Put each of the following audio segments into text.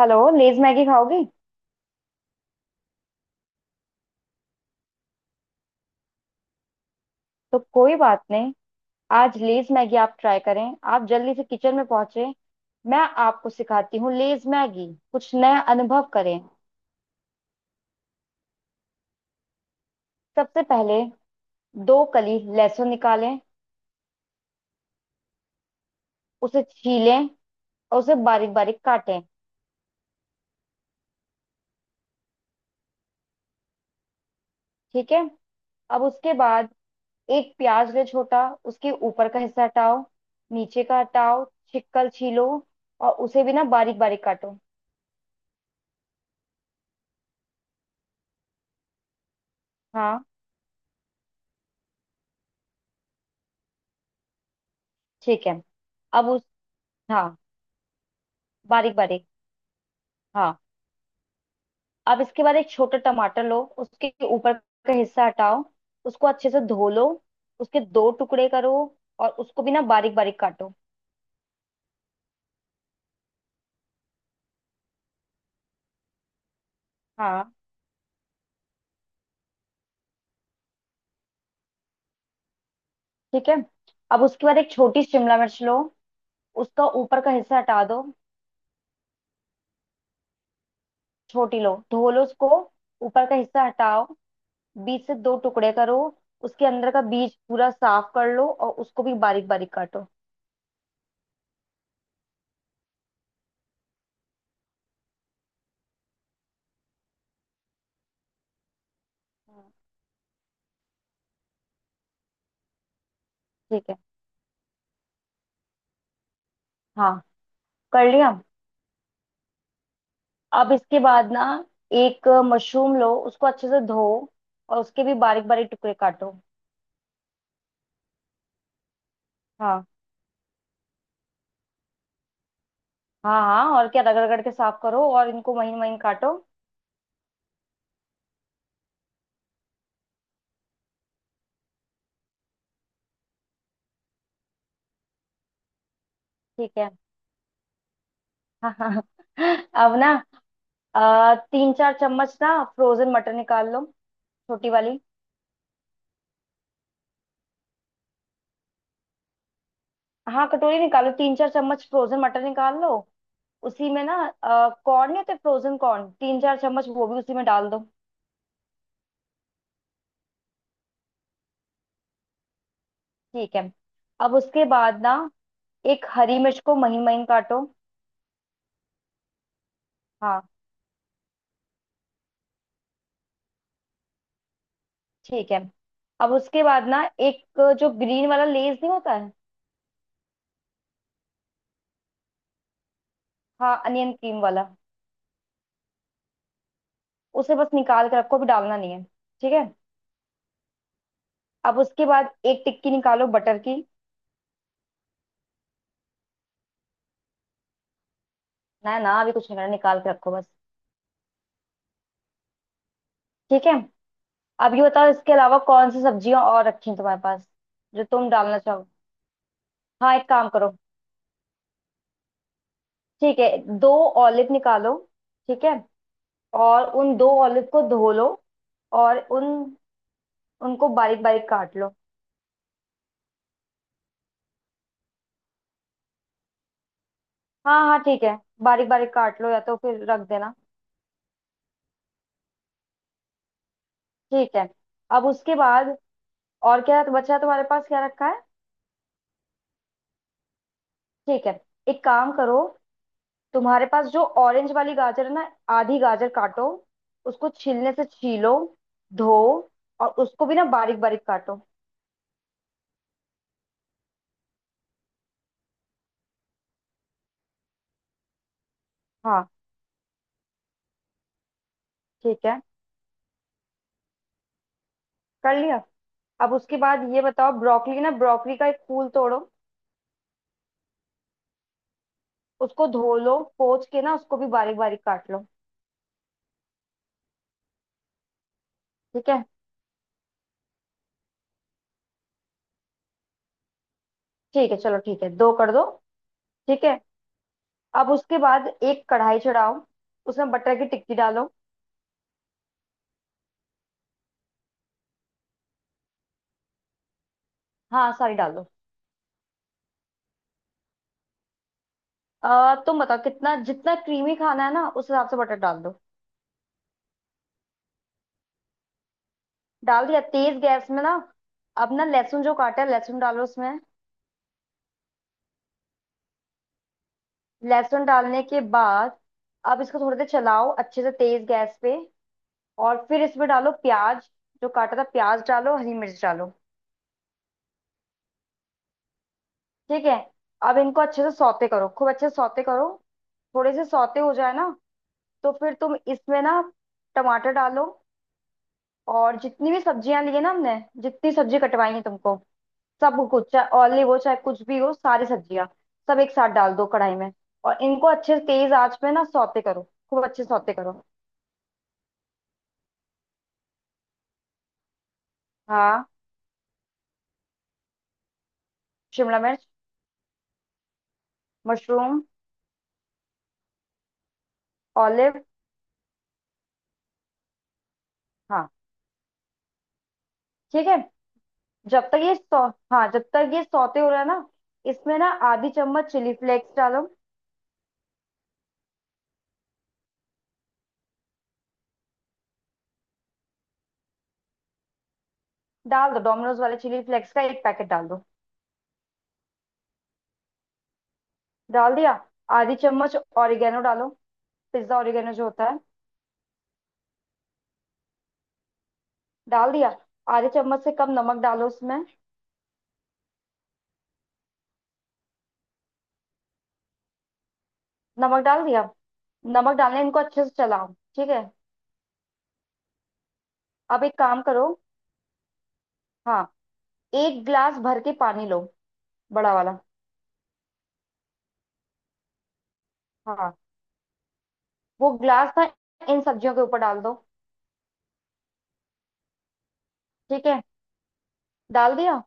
Hello. Lay's Maggi खाओगी? तो कोई बात नहीं। आज लेज मैगी आप ट्राई करें। आप जल्दी से किचन में पहुंचे। मैं आपको सिखाती हूँ लेज मैगी। कुछ नया अनुभव करें। सबसे पहले दो कली लहसुन निकालें। उसे छीलें और उसे बारीक बारीक काटें। ठीक है। अब उसके बाद एक प्याज ले, छोटा। उसके ऊपर का हिस्सा हटाओ, नीचे का हटाओ। छिकल छीलो और उसे भी ना बारीक बारीक काटो। हाँ। ठीक है। अब उस हाँ, बारीक बारीक। हाँ। अब इसके बाद एक छोटा टमाटर लो, उसके ऊपर का हिस्सा हटाओ। उसको अच्छे से धो लो, उसके दो टुकड़े करो और उसको भी ना बारीक बारीक काटो। हाँ। ठीक है। अब उसके बाद एक छोटी शिमला मिर्च लो, उसका ऊपर का हिस्सा हटा दो। छोटी लो, धो लो उसको। ऊपर का हिस्सा हटाओ, बीच से दो टुकड़े करो। उसके अंदर का बीज पूरा साफ कर लो और उसको भी बारीक बारीक काटो। हाँ। ठीक है। हाँ, कर लिया। अब इसके बाद ना एक मशरूम लो, उसको अच्छे से धो और उसके भी बारीक बारीक टुकड़े काटो। हाँ हाँ। हाँ और क्या, रगड़ रगड़ के साफ करो और इनको महीन महीन काटो। ठीक है। हाँ हाँ। अब ना तीन चार चम्मच ना फ्रोजन मटर निकाल लो, छोटी वाली। हाँ, कटोरी निकालो, तीन चार चम्मच फ्रोजन मटर निकाल लो। उसी में ना कॉर्न नहीं होते फ्रोजन कॉर्न, तीन चार चम्मच वो भी उसी में डाल दो। ठीक है। अब उसके बाद ना एक हरी मिर्च को महीन महीन काटो। हाँ। ठीक है। अब उसके बाद ना एक जो ग्रीन वाला लेस नहीं होता है, हाँ अनियन क्रीम वाला, उसे बस निकाल कर रखो, अभी डालना नहीं है। ठीक है। अब उसके बाद एक टिक्की निकालो बटर की। ना ना, अभी कुछ नहीं करना, निकाल के रखो बस। ठीक है। अब ये बताओ इसके अलावा कौन सी सब्जियां और रखी हैं तुम्हारे पास? जो तुम डालना चाहो। हाँ, एक काम करो। ठीक है। दो ऑलिव निकालो। ठीक है। और उन दो ऑलिव को धो लो और उन उनको बारीक बारीक काट लो। हाँ हाँ। ठीक है। बारीक बारीक काट लो या तो फिर रख देना। ठीक है। अब उसके बाद और क्या बचा है तुम्हारे पास, क्या रखा है? ठीक है, एक काम करो। तुम्हारे पास जो ऑरेंज वाली गाजर है ना, आधी गाजर काटो। उसको छीलने से छीलो, धो और उसको भी ना बारीक बारीक काटो। हाँ। ठीक है, कर लिया। अब उसके बाद ये बताओ ब्रोकली, ना ब्रोकली का एक फूल तोड़ो। उसको धो लो, पोंछ के ना उसको भी बारीक बारीक काट लो। ठीक है। ठीक है, चलो ठीक है, दो कर दो। ठीक है। अब उसके बाद एक कढ़ाई चढ़ाओ, उसमें बटर की टिक्की डालो। हाँ, सारी डालो। तुम बताओ कितना, जितना क्रीमी खाना है ना उस हिसाब से बटर डाल दो। डाल दिया? तेज गैस में ना। अब ना लहसुन जो काटा है, लहसुन डालो उसमें। लहसुन डालने के बाद अब इसको थोड़ी देर चलाओ अच्छे से तेज गैस पे, और फिर इसमें डालो प्याज, जो काटा था प्याज डालो, हरी मिर्च डालो। ठीक है। अब इनको अच्छे से सौते करो, खूब अच्छे से सौते करो। थोड़े से सौते हो जाए ना तो फिर तुम इसमें ना टमाटर डालो और जितनी भी सब्जियां ली है ना हमने, जितनी सब्जी कटवाई है तुमको, सब कुछ, चाहे ऑलिव हो चाहे कुछ भी हो, सारी सब्जियां सब एक साथ डाल दो कढ़ाई में, और इनको अच्छे से तेज आंच पे ना सौते करो, खूब अच्छे से सौते करो। हाँ, शिमला मिर्च, मशरूम, ऑलिव। हाँ। ठीक है। जब तक ये सौ हाँ, जब तक ये सौते हो रहा है ना, इसमें ना आधी चम्मच चिली फ्लेक्स डालो। डाल दो, डोमिनोज वाले चिली फ्लेक्स का एक पैकेट डाल दो। डाल दिया? आधी चम्मच ऑरिगेनो डालो, पिज्जा ऑरिगेनो जो होता है। डाल दिया? आधे चम्मच से कम नमक डालो उसमें। नमक डाल दिया। नमक डालने इनको अच्छे से चलाओ। ठीक है। अब एक काम करो। हाँ, एक ग्लास भर के पानी लो, बड़ा वाला। हाँ, वो ग्लास ना इन सब्जियों के ऊपर डाल दो। ठीक है। डाल दिया।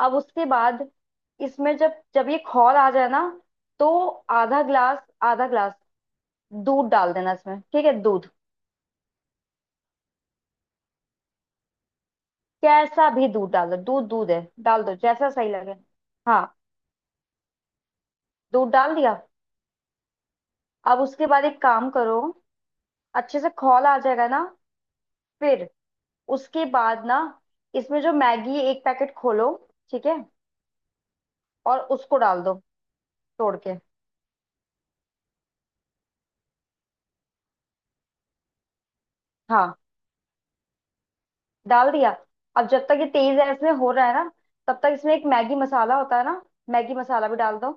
अब उसके बाद इसमें जब जब ये खौल आ जाए ना तो आधा ग्लास दूध डाल देना इसमें, ठीक है? दूध कैसा भी दूध डाल दो, दूध दूध है, डाल दो जैसा सही लगे। हाँ, दूध डाल दिया। अब उसके बाद एक काम करो। अच्छे से खौल आ जाएगा ना, फिर उसके बाद ना इसमें जो मैगी एक पैकेट खोलो, ठीक है, और उसको डाल दो, तोड़ के। हाँ, डाल दिया। अब जब तक ये तेज है, इसमें हो रहा है ना, तब तक इसमें एक मैगी मसाला होता है ना, मैगी मसाला भी डाल दो।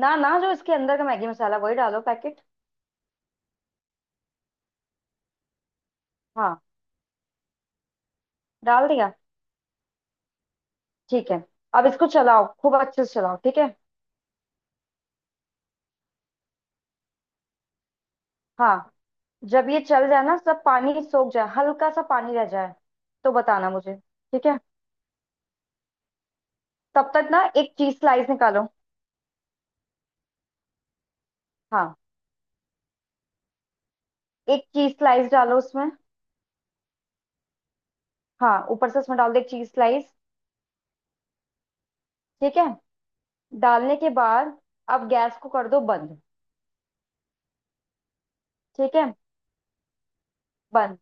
ना ना, जो इसके अंदर का मैगी मसाला वही डालो पैकेट। हाँ, डाल दिया। ठीक है। अब इसको चलाओ, खूब अच्छे से चलाओ, ठीक है? हाँ। जब ये चल जाए ना, सब पानी सोख जाए, हल्का सा पानी रह जाए, तो बताना मुझे, ठीक है? तब तक ना एक चीज स्लाइस निकालो। हाँ, एक चीज स्लाइस डालो उसमें। हाँ, ऊपर से उसमें डाल दो एक चीज स्लाइस। ठीक है। डालने के बाद अब गैस को कर दो बंद। ठीक है, बंद।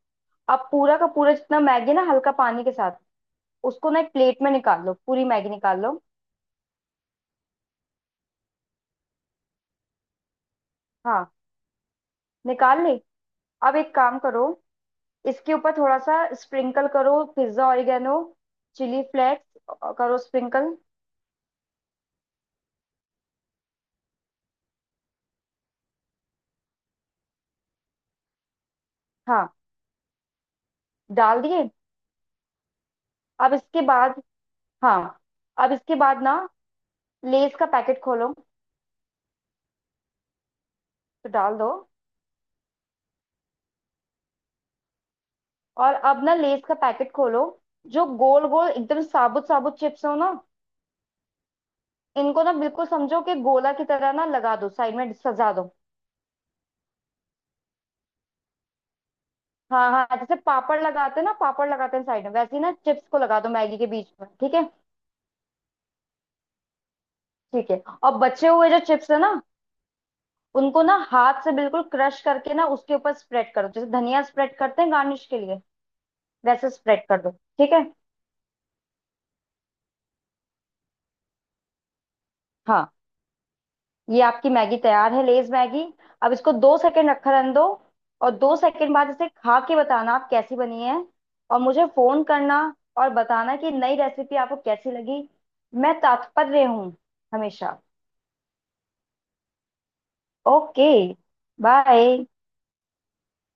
अब पूरा का पूरा जितना मैगी ना, हल्का पानी के साथ उसको ना एक प्लेट में निकाल लो, पूरी मैगी निकाल लो। हाँ, निकाल ली। अब एक काम करो, इसके ऊपर थोड़ा सा स्प्रिंकल करो पिज्जा ऑरिगेनो, चिली फ्लेक्स करो स्प्रिंकल। हाँ, डाल दिए। अब इसके बाद, हाँ, अब इसके बाद ना लेस का पैकेट खोलो। तो डाल दो। और अब ना लेस का पैकेट खोलो, जो गोल गोल एकदम साबुत साबुत चिप्स हो ना, इनको ना बिल्कुल समझो कि गोला की तरह ना लगा दो, साइड में सजा दो। हाँ हाँ, जैसे पापड़ लगाते हैं ना, पापड़ लगाते हैं साइड में, वैसे ही ना चिप्स को लगा दो मैगी के बीच में, ठीक है? ठीक है। और बचे हुए जो चिप्स है ना, उनको ना हाथ से बिल्कुल क्रश करके ना उसके ऊपर स्प्रेड करो, जैसे धनिया स्प्रेड करते हैं गार्निश के लिए वैसे स्प्रेड कर दो, ठीक है? हाँ। ये आपकी मैगी तैयार है, लेज मैगी। अब इसको 2 सेकंड रखा रहने दो, और 2 सेकंड बाद इसे खा के बताना आप कैसी बनी है, और मुझे फोन करना और बताना कि नई रेसिपी आपको कैसी लगी। मैं तत्पर हूँ, हमेशा। Okay, bye.